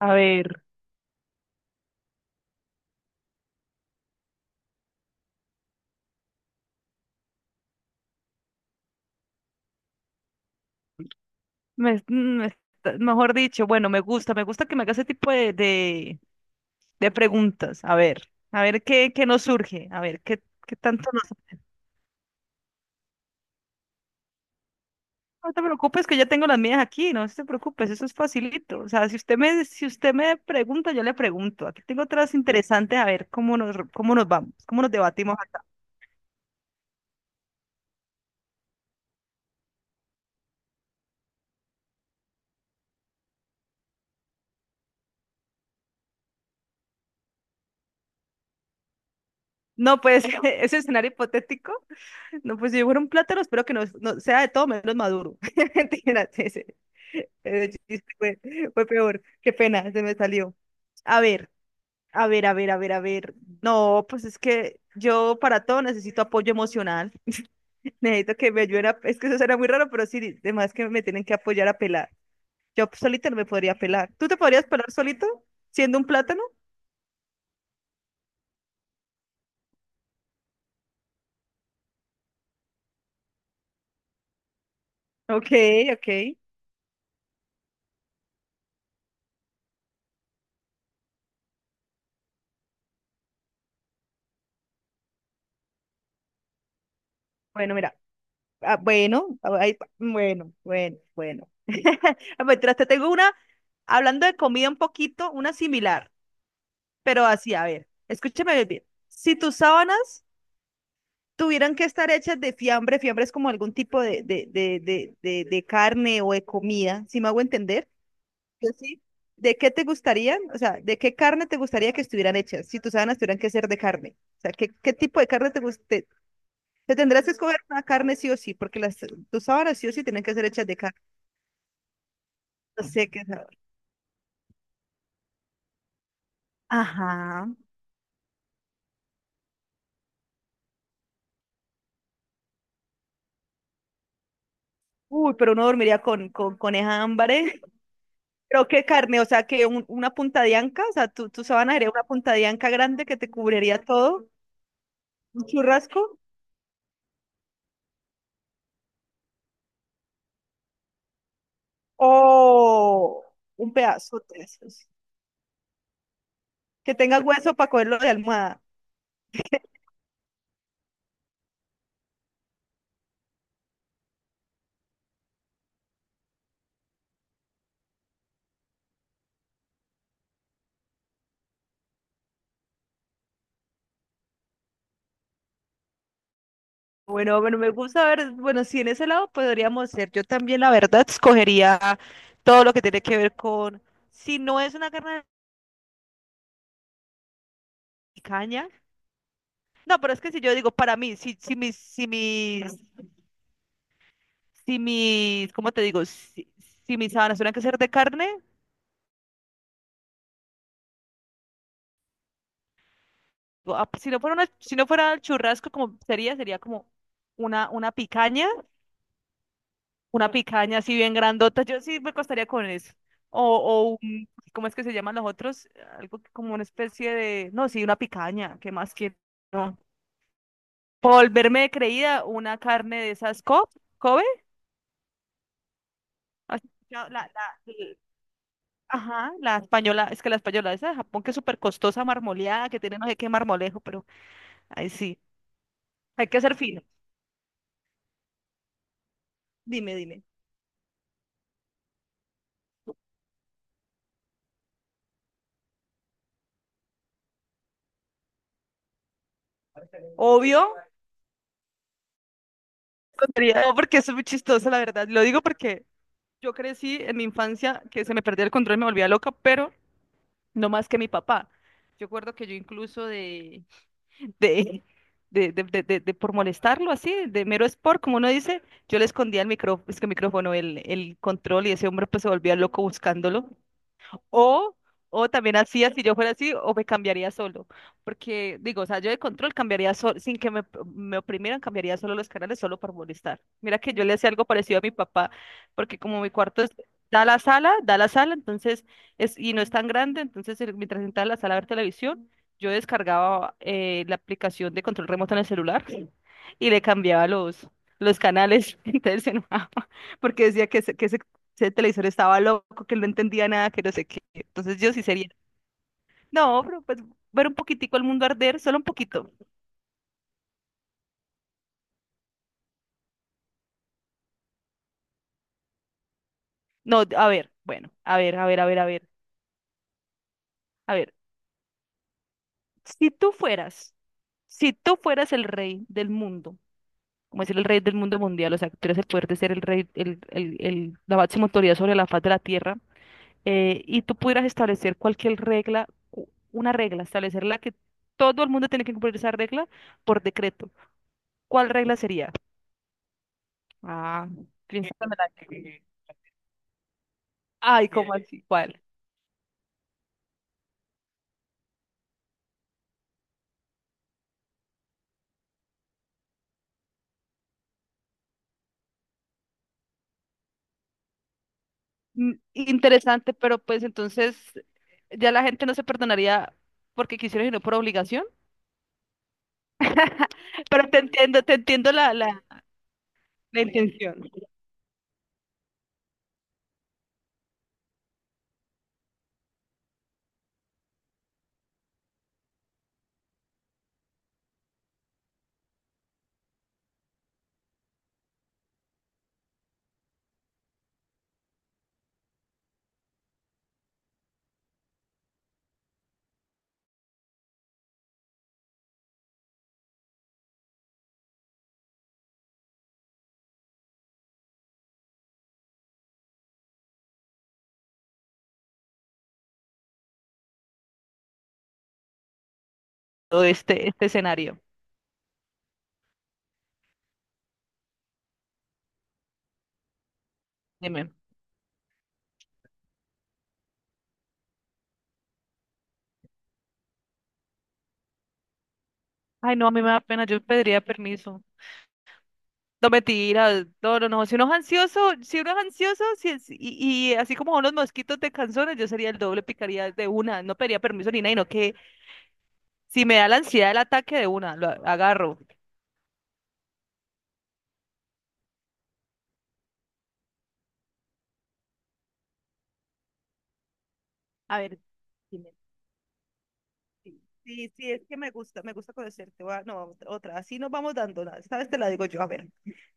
A ver, mejor dicho, bueno, me gusta que me haga ese tipo de preguntas. A ver qué, qué nos surge, a ver qué, qué tanto nos... No te preocupes que ya tengo las mías aquí, no te preocupes, eso es facilito. O sea, si usted me pregunta, yo le pregunto. Aquí tengo otras interesantes, a ver cómo nos vamos, cómo nos debatimos acá. No, pues, ese escenario hipotético. No, pues si fuera un plátano, espero que no, no sea de todo menos maduro. Mentiras, ese chiste fue, fue peor. Qué pena, se me salió. A ver, a ver, a ver, a ver, a ver. No, pues es que yo para todo necesito apoyo emocional. Necesito que me ayuden a... Es que eso será muy raro, pero sí, además que me tienen que apoyar a pelar. Yo solita no me podría pelar. ¿Tú te podrías pelar solito siendo un plátano? Ok, ok. Bueno, mira. Ah, bueno, ah, ay, bueno, bueno, bueno. Ah, mientras te tengo una, hablando de comida un poquito, una similar, pero así, a ver, escúchame bien. Si tus sábanas tuvieran que estar hechas de fiambre, fiambre es como algún tipo de carne o de comida, si me hago entender, yo sí. ¿De qué te gustarían? O sea, ¿de qué carne te gustaría que estuvieran hechas? Si tus sábanas tuvieran que ser de carne. O sea, ¿qué, qué tipo de carne te guste? Te tendrás que escoger una carne sí o sí, porque las, tus sábanas sí o sí tienen que ser hechas de carne. No sé qué sabor. Ajá. Uy, pero uno dormiría con esa hambre. Creo que carne, o sea, que una punta de anca, o sea, tu sábana sería una punta de anca grande que te cubriría todo, un churrasco o un pedazo de esos. Que tenga hueso para cogerlo de almohada. Bueno, bueno, me gusta ver, bueno, si en ese lado podríamos ser. Yo también, la verdad, escogería todo lo que tiene que ver con, si no es una carne de caña. No, pero es que si yo digo, para mí, si, si mis, si mis si mis, ¿cómo te digo? Si, si mis sábanas tuvieran que ser de carne, o, ah, si no fuera una, si no fuera el churrasco, como sería, sería como una, una picaña, una picaña así bien grandota. Yo sí me costaría con eso. O, ¿cómo es que se llaman los otros? Algo como una especie de, no, sí, una picaña, ¿qué más quiero? No. Por volverme de creída, una carne de esas Kobe, ¿has escuchado? Ajá, la española, es que la española, esa de Japón que es súper costosa, marmoleada, que tiene no sé qué marmolejo, pero ay, sí, hay que ser fino. Dime, dime. Obvio, tontería, no, porque eso es muy chistoso, la verdad. Lo digo porque yo crecí en mi infancia que se me perdía el control, me volvía loca, pero no más que mi papá. Yo recuerdo que yo incluso de, de por molestarlo así, de mero sport, como uno dice, yo le escondía el micrófono, es que el micrófono, el control, y ese hombre pues se volvía loco buscándolo. O, o también hacía, si yo fuera así, o me cambiaría solo. Porque digo, o sea, yo de control cambiaría solo, sin que me oprimieran, cambiaría solo los canales solo por molestar. Mira que yo le hacía algo parecido a mi papá, porque como mi cuarto da la sala, entonces, es, y no es tan grande, entonces mientras entraba a la sala a ver televisión, yo descargaba la aplicación de control remoto en el celular y le cambiaba los canales. Entonces se enojaba porque decía que, que se ese televisor estaba loco, que no entendía nada, que no sé qué. Entonces yo sí sería, no, pero pues ver un poquitico el mundo arder, solo un poquito. No, a ver, bueno, a ver, a ver, a ver, a ver, a ver. Si tú fueras, si tú fueras el rey del mundo, como decir el rey del mundo mundial, o sea, que tuvieras el poder de ser el rey, la máxima autoridad sobre la faz de la tierra, y tú pudieras establecer cualquier regla, una regla, establecerla que todo el mundo tiene que cumplir esa regla por decreto. ¿Cuál regla sería? Ah, príncipe Melancólico. Ay, ¿cómo así? ¿Cuál? Mm, interesante, pero pues entonces ya la gente no se perdonaría porque quisiera, sino por obligación. Pero te entiendo la intención. Todo este, este escenario. Dime. Ay, no, a mí me da pena, yo pediría permiso. No, mentira, no, no, no. Si uno es ansioso, si uno es ansioso, si es- y así como son los mosquitos de canzones, yo sería el doble, picaría de una, no pediría permiso ni nada, no que si me da la ansiedad el ataque de una, lo agarro. A ver, dime. Sí, sí, sí, es que me gusta conocerte. Va, no, otra, así nos vamos dando. Esta vez te la digo yo. A ver,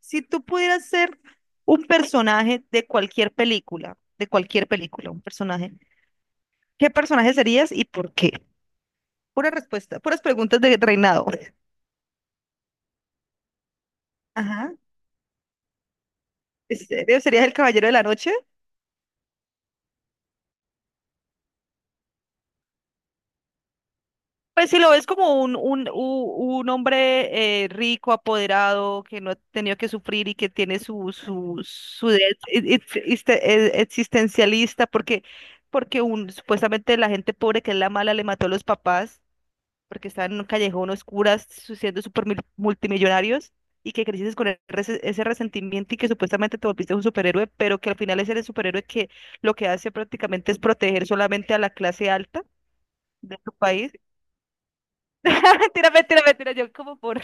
si tú pudieras ser un personaje de cualquier película, un personaje, ¿qué personaje serías y por qué? Pura respuesta, puras preguntas de reinado. Ajá. ¿En serio? ¿Serías el caballero de la noche? Pues si lo ves como un hombre rico, apoderado, que no ha tenido que sufrir y que tiene su, su, su de- ex- ex- existencialista, porque, porque un, supuestamente la gente pobre, que es la mala, le mató a los papás, porque estaban en un callejón oscuras siendo multimillonarios, y que creciste con el ese resentimiento y que supuestamente te volviste un superhéroe, pero que al final es el superhéroe que lo que hace prácticamente es proteger solamente a la clase alta de tu país. Mentira, mentira, mentira. Yo como por.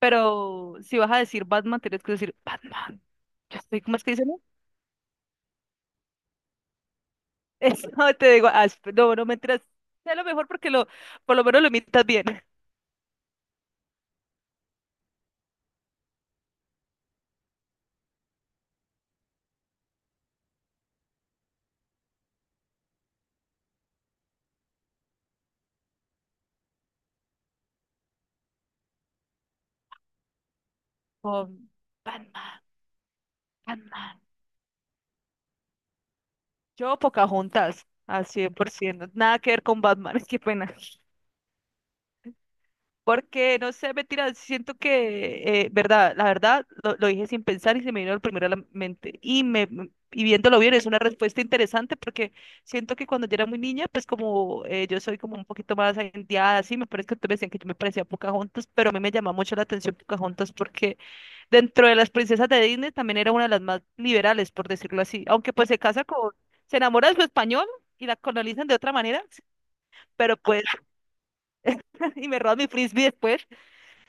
Pero si vas a decir Batman, tienes que decir Batman. Yo estoy, ¿cómo es que dicen? Eso te digo, ah, no, no mentiras. Sé lo mejor porque lo, por lo menos lo imitas bien. Con Batman, Batman. Yo Pocahontas, al 100%. Nada que ver con Batman, qué pena. Porque, no sé, mentira, siento que, verdad, la verdad, lo dije sin pensar y se me vino el primero a la mente. Y, y viéndolo bien, es una respuesta interesante porque siento que cuando yo era muy niña, pues como yo soy como un poquito más agentiada, así, me parece que ustedes me decían que yo me parecía a Pocahontas, pero a mí me llamaba mucho la atención Pocahontas porque dentro de las princesas de Disney también era una de las más liberales, por decirlo así. Aunque pues se casa con, se enamora de su español y la colonizan de otra manera, pero pues, y me roban mi frisbee después,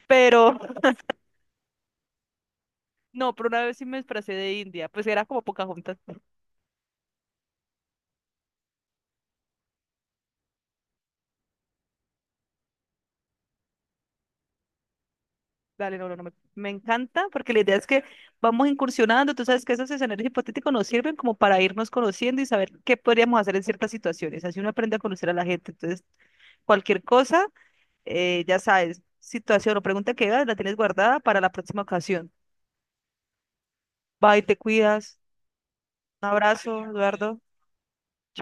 pero no, pero una vez sí me disfracé de India, pues era como Pocahontas. Dale, no, no, no, me encanta porque la idea es que vamos incursionando, tú sabes que esos escenarios hipotéticos nos sirven como para irnos conociendo y saber qué podríamos hacer en ciertas situaciones, así uno aprende a conocer a la gente, entonces cualquier cosa, ya sabes, situación o pregunta que hagas, la tienes guardada para la próxima ocasión. Bye, te cuidas, un abrazo, Eduardo.